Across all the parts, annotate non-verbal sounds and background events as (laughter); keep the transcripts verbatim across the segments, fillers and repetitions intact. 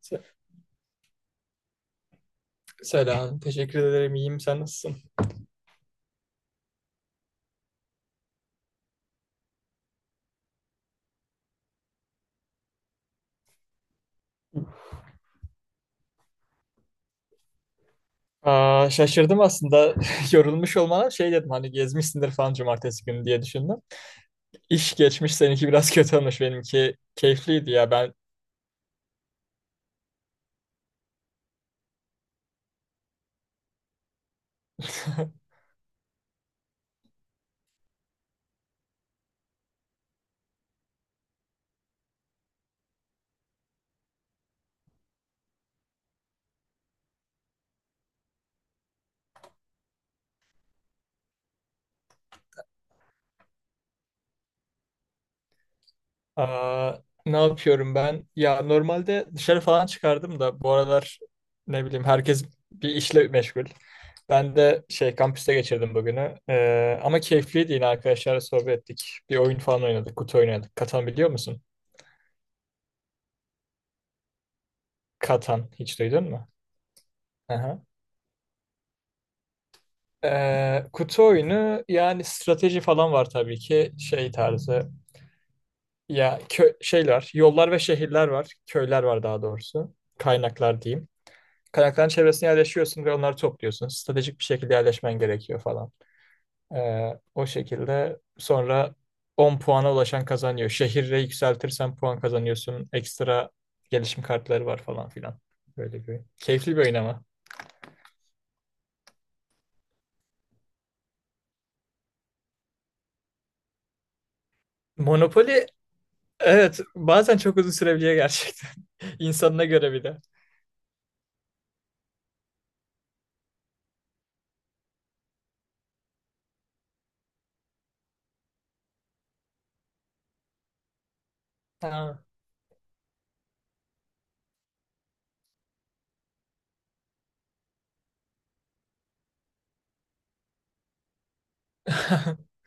Se- Selam. Teşekkür ederim. İyiyim. Sen nasılsın? Aa, şaşırdım aslında. (laughs) Yorulmuş olmana şey dedim hani gezmişsindir falan cumartesi günü diye düşündüm. İş geçmiş seninki biraz kötü olmuş. Benimki keyifliydi ya ben. (laughs) Aa, ne yapıyorum ben? Ya normalde dışarı falan çıkardım da bu aralar ne bileyim herkes bir işle meşgul. Ben de şey kampüste geçirdim bugünü. Ee, ama keyifliydi yine arkadaşlarla sohbet ettik. Bir oyun falan oynadık. Kutu oynadık. Katan biliyor musun? Katan hiç duydun mu? Aha. Ee, kutu oyunu yani strateji falan var tabii ki şey tarzı ya kö şeyler yollar ve şehirler var köyler var daha doğrusu kaynaklar diyeyim. Kaynakların çevresine yerleşiyorsun ve onları topluyorsun. Stratejik bir şekilde yerleşmen gerekiyor falan. Ee, o şekilde sonra on puana ulaşan kazanıyor. Şehirle yükseltirsen puan kazanıyorsun. Ekstra gelişim kartları var falan filan. Böyle bir keyifli bir oyun ama. Monopoly. Evet, bazen çok uzun sürebiliyor gerçekten. (laughs) İnsanına göre bir de. Ha. (laughs)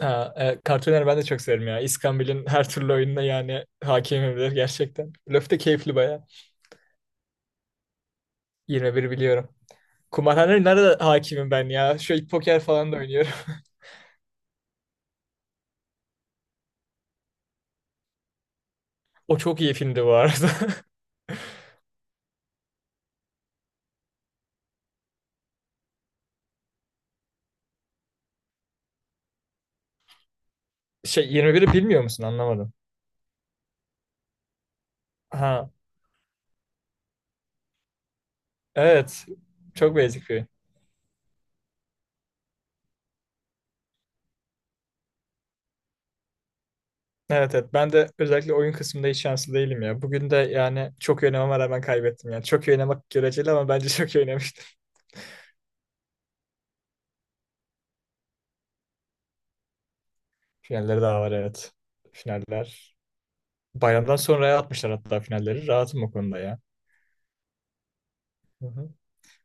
Ha, e, Cartoon ben de çok severim ya. İskambil'in her türlü oyununa yani hakimim de gerçekten. Blöf de keyifli baya. Yirmi bir biliyorum. Kumarhanenin nerede hakimim ben ya? Şu poker falan da oynuyorum. (laughs) O çok iyi filmdi bu arada. (laughs) Şey yirmi biri bilmiyor musun? Anlamadım. Ha, evet. Çok basic bir oyun. Evet, evet, ben de özellikle oyun kısmında hiç şanslı değilim ya. Bugün de yani çok iyi oynamama rağmen kaybettim yani. Çok iyi oynamak göreceli ama bence çok iyi oynamıştım. (laughs) Finalleri daha var evet. Finaller. Bayramdan sonraya atmışlar hatta finalleri. Rahatım o konuda ya. Hı hı.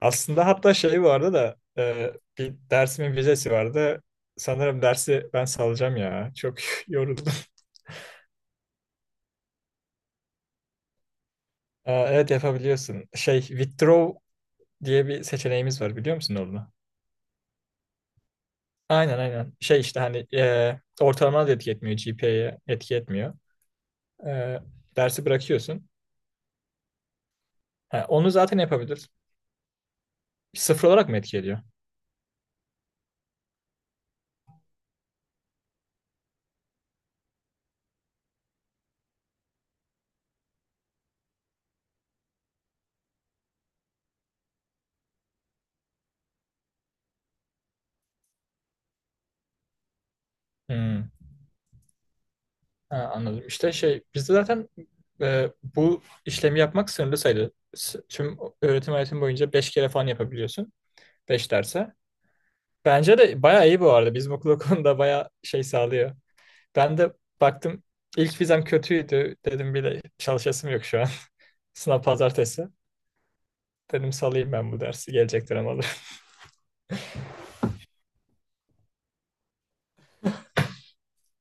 Aslında hatta şey vardı da e, bir dersimin vizesi vardı. Sanırım dersi ben salacağım ya. Çok (laughs) yoruldum. Aa, evet yapabiliyorsun. Şey withdraw diye bir seçeneğimiz var biliyor musun onu? Aynen, aynen. Şey işte hani e, ortalama da etki etmiyor. G P A'ye etki etmiyor. E, dersi bırakıyorsun. Ha, onu zaten yapabilir. Sıfır olarak mı etki ediyor? Hmm. Ha, anladım. İşte şey bizde zaten e, bu işlemi yapmak sınırlı sayılı. S- Tüm öğretim hayatım boyunca beş kere falan yapabiliyorsun. beş derse. Bence de bayağı iyi bu arada. Bizim okul o konuda bayağı şey sağlıyor. Ben de baktım ilk vizem kötüydü. Dedim bile çalışasım yok şu an. (laughs) Sınav pazartesi. Dedim salayım ben bu dersi. Gelecek dönem alır. (laughs)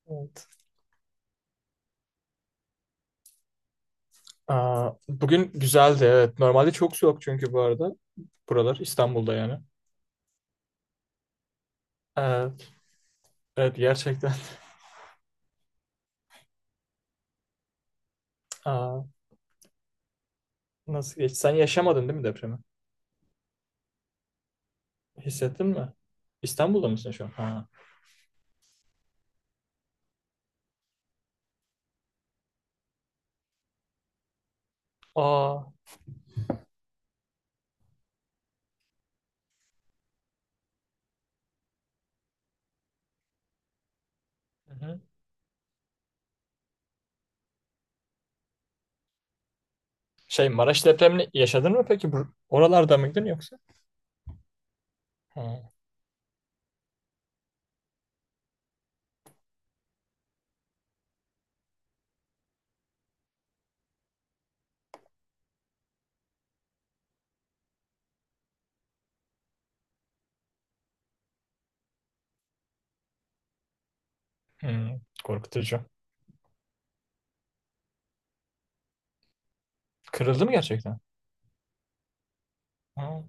Evet. Aa, bugün güzeldi evet. Normalde çok soğuk çünkü bu arada. Buralar İstanbul'da yani. Evet, evet, gerçekten. (laughs) Aa, nasıl geç? Sen yaşamadın değil mi depremi? Hissettin mi? İstanbul'da mısın şu an? Ha. Aa. Hı hı. Şey Maraş depremini yaşadın mı peki? Bur- Oralarda mıydın yoksa? Ha, hmm, korkutucu. Kırıldı mı gerçekten? Ha.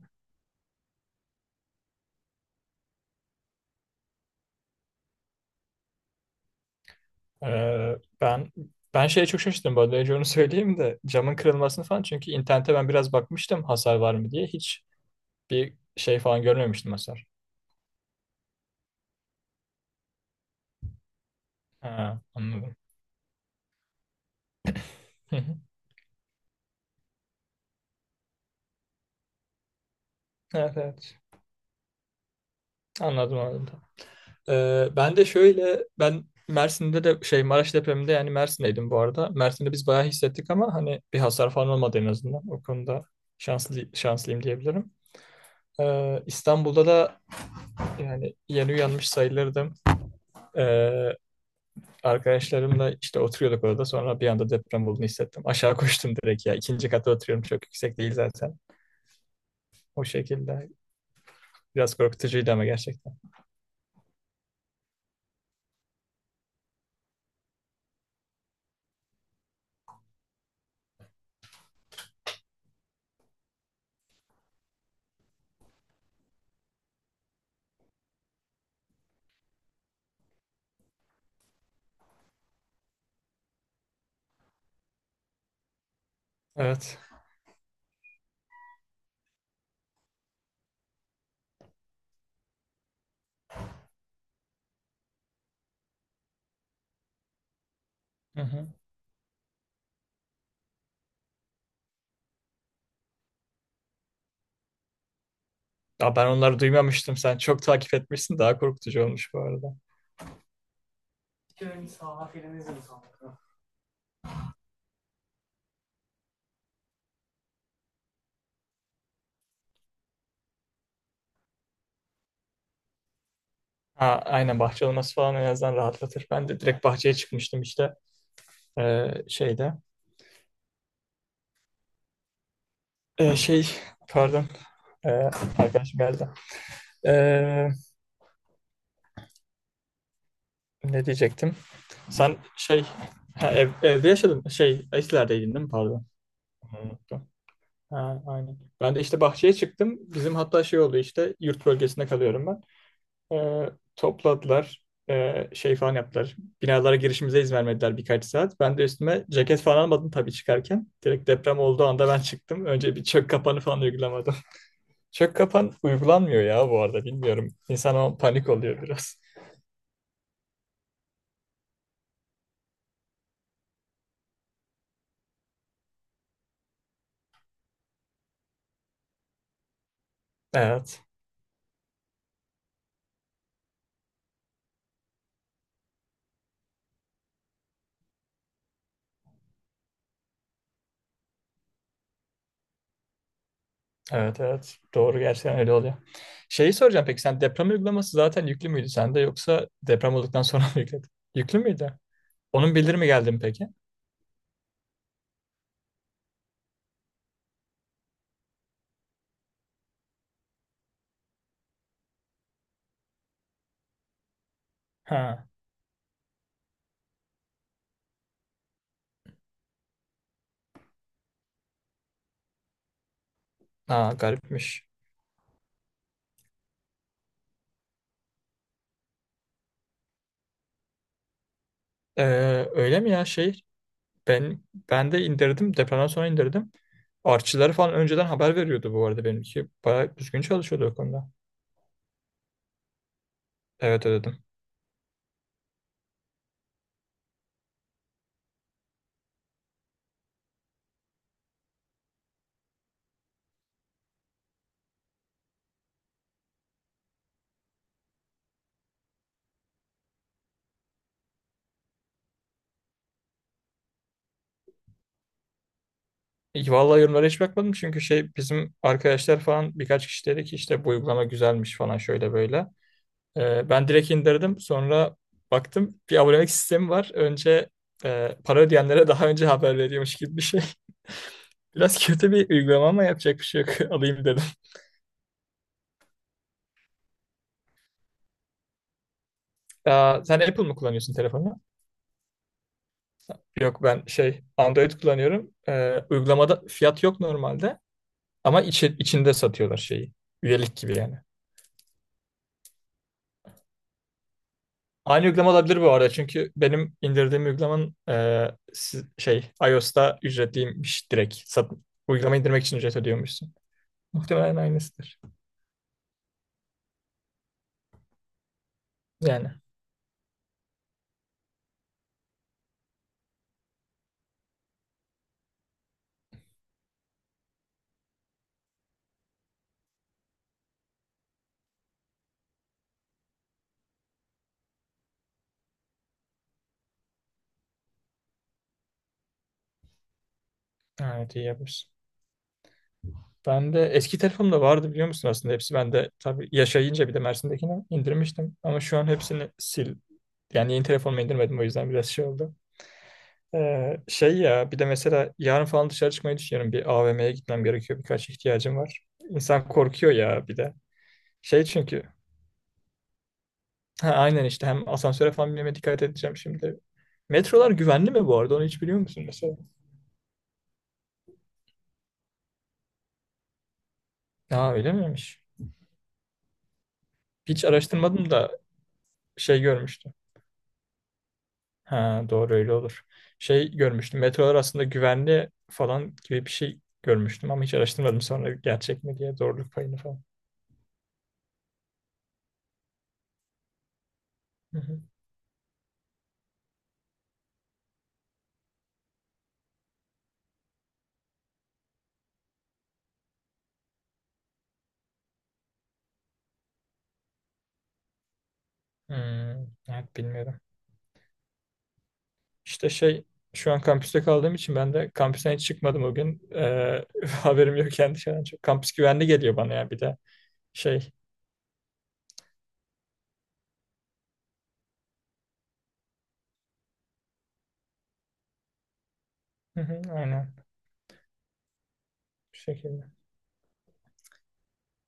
Ee, ben ben şeye çok şaşırdım bu arada. Önce onu (laughs) söyleyeyim de camın kırılmasını falan. Çünkü internete ben biraz bakmıştım hasar var mı diye. Hiç bir şey falan görmemiştim hasar. Ha, anladım. Hı hı. Evet, evet. Anladım, anladım. Ee, ben de şöyle ben Mersin'de de şey Maraş depreminde yani Mersin'deydim bu arada. Mersin'de biz bayağı hissettik ama hani bir hasar falan olmadı en azından. O konuda şanslı şanslıyım diyebilirim. Ee, İstanbul'da da yani yeni uyanmış sayılırdım. Ee, arkadaşlarımla işte oturuyorduk orada sonra bir anda deprem olduğunu hissettim. Aşağı koştum direkt ya. İkinci kata oturuyorum çok yüksek değil zaten. O şekilde biraz korkutucuydu ama gerçekten. Evet. Hı hı. Ya ben onları duymamıştım. Sen çok takip etmişsin. Daha korkutucu olmuş bu arada. Ha, aynen bahçe olması falan en azından rahatlatır. Ben de direkt bahçeye çıkmıştım işte. Ee, şeyde. Ee, şey, pardon. Ee, arkadaşım geldi. Ee, ne diyecektim? Sen şey ha, ev- evde yaşadın şey Eskilerdeydim değil mi? Pardon. Onu unuttum. Ha, aynen. Ben de işte bahçeye çıktım. Bizim hatta şey oldu işte yurt bölgesinde kalıyorum ben. Ee, topladılar. Ee, şey falan yaptılar. Binalara girişimize izin vermediler birkaç saat. Ben de üstüme ceket falan almadım tabii çıkarken. Direkt deprem olduğu anda ben çıktım. Önce bir çök kapanı falan uygulamadım. (laughs) Çök kapan uygulanmıyor ya bu arada bilmiyorum. İnsan o an panik oluyor biraz. Evet. Evet, evet. Doğru gerçekten öyle oluyor. Şeyi soracağım peki sen deprem uygulaması zaten yüklü müydü sende yoksa deprem olduktan sonra mı yükledin? Yüklü müydü? Onun bildirimi geldi mi peki? Ha. Ha garipmiş. Ee, öyle mi ya şey? Ben ben de indirdim. Depremden sonra indirdim. Artçıları falan önceden haber veriyordu bu arada benimki. Bayağı düzgün çalışıyordu o konuda. Evet ödedim. İyi, vallahi yorumlara hiç bakmadım çünkü şey bizim arkadaşlar falan birkaç kişi dedi ki işte bu uygulama güzelmiş falan şöyle böyle. Ee, ben direkt indirdim. Sonra baktım bir abonelik sistemi var. Önce e, para ödeyenlere daha önce haber veriyormuş gibi bir şey. (laughs) Biraz kötü bir uygulama ama yapacak bir şey yok. (laughs) Alayım dedim. Aa, sen Apple mı kullanıyorsun telefonu? Yok ben şey Android kullanıyorum. Ee, uygulamada fiyat yok normalde ama içi- içinde satıyorlar şeyi. Üyelik gibi yani. Aynı uygulama olabilir bu arada çünkü benim indirdiğim uygulamanın e, si- şey iOS'ta ücretliymiş direkt. Sat, uygulama indirmek için ücret ödüyormuşsun. Muhtemelen aynısıdır. Yani evet iyi yapmışsın. Ben de eski telefonumda vardı biliyor musun aslında hepsi. Ben de tabii yaşayınca bir de Mersin'dekini indirmiştim. Ama şu an hepsini sil. Yani yeni telefonuma indirmedim o yüzden biraz şey oldu. Ee, şey ya bir de mesela yarın falan dışarı çıkmayı düşünüyorum. Bir A V M'ye gitmem gerekiyor. Birkaç ihtiyacım var. İnsan korkuyor ya bir de. Şey çünkü ha, aynen işte hem asansöre falan binmeme dikkat edeceğim şimdi. Metrolar güvenli mi bu arada? Onu hiç biliyor musun mesela? Aa, öyle miymiş? Hiç araştırmadım da şey görmüştüm. Ha, doğru öyle olur. Şey görmüştüm. Metrolar aslında güvenli falan gibi bir şey görmüştüm ama hiç araştırmadım sonra gerçek mi diye doğruluk payını falan. Hı hı. Hmm, evet bilmiyorum. İşte şey şu an kampüste kaldığım için ben de kampüsten hiç çıkmadım o gün. Ee, (laughs) haberim yok kendi dışarıdan çok. Kampüs güvenli geliyor bana ya bir de şey. Hı hı, aynen bu şekilde.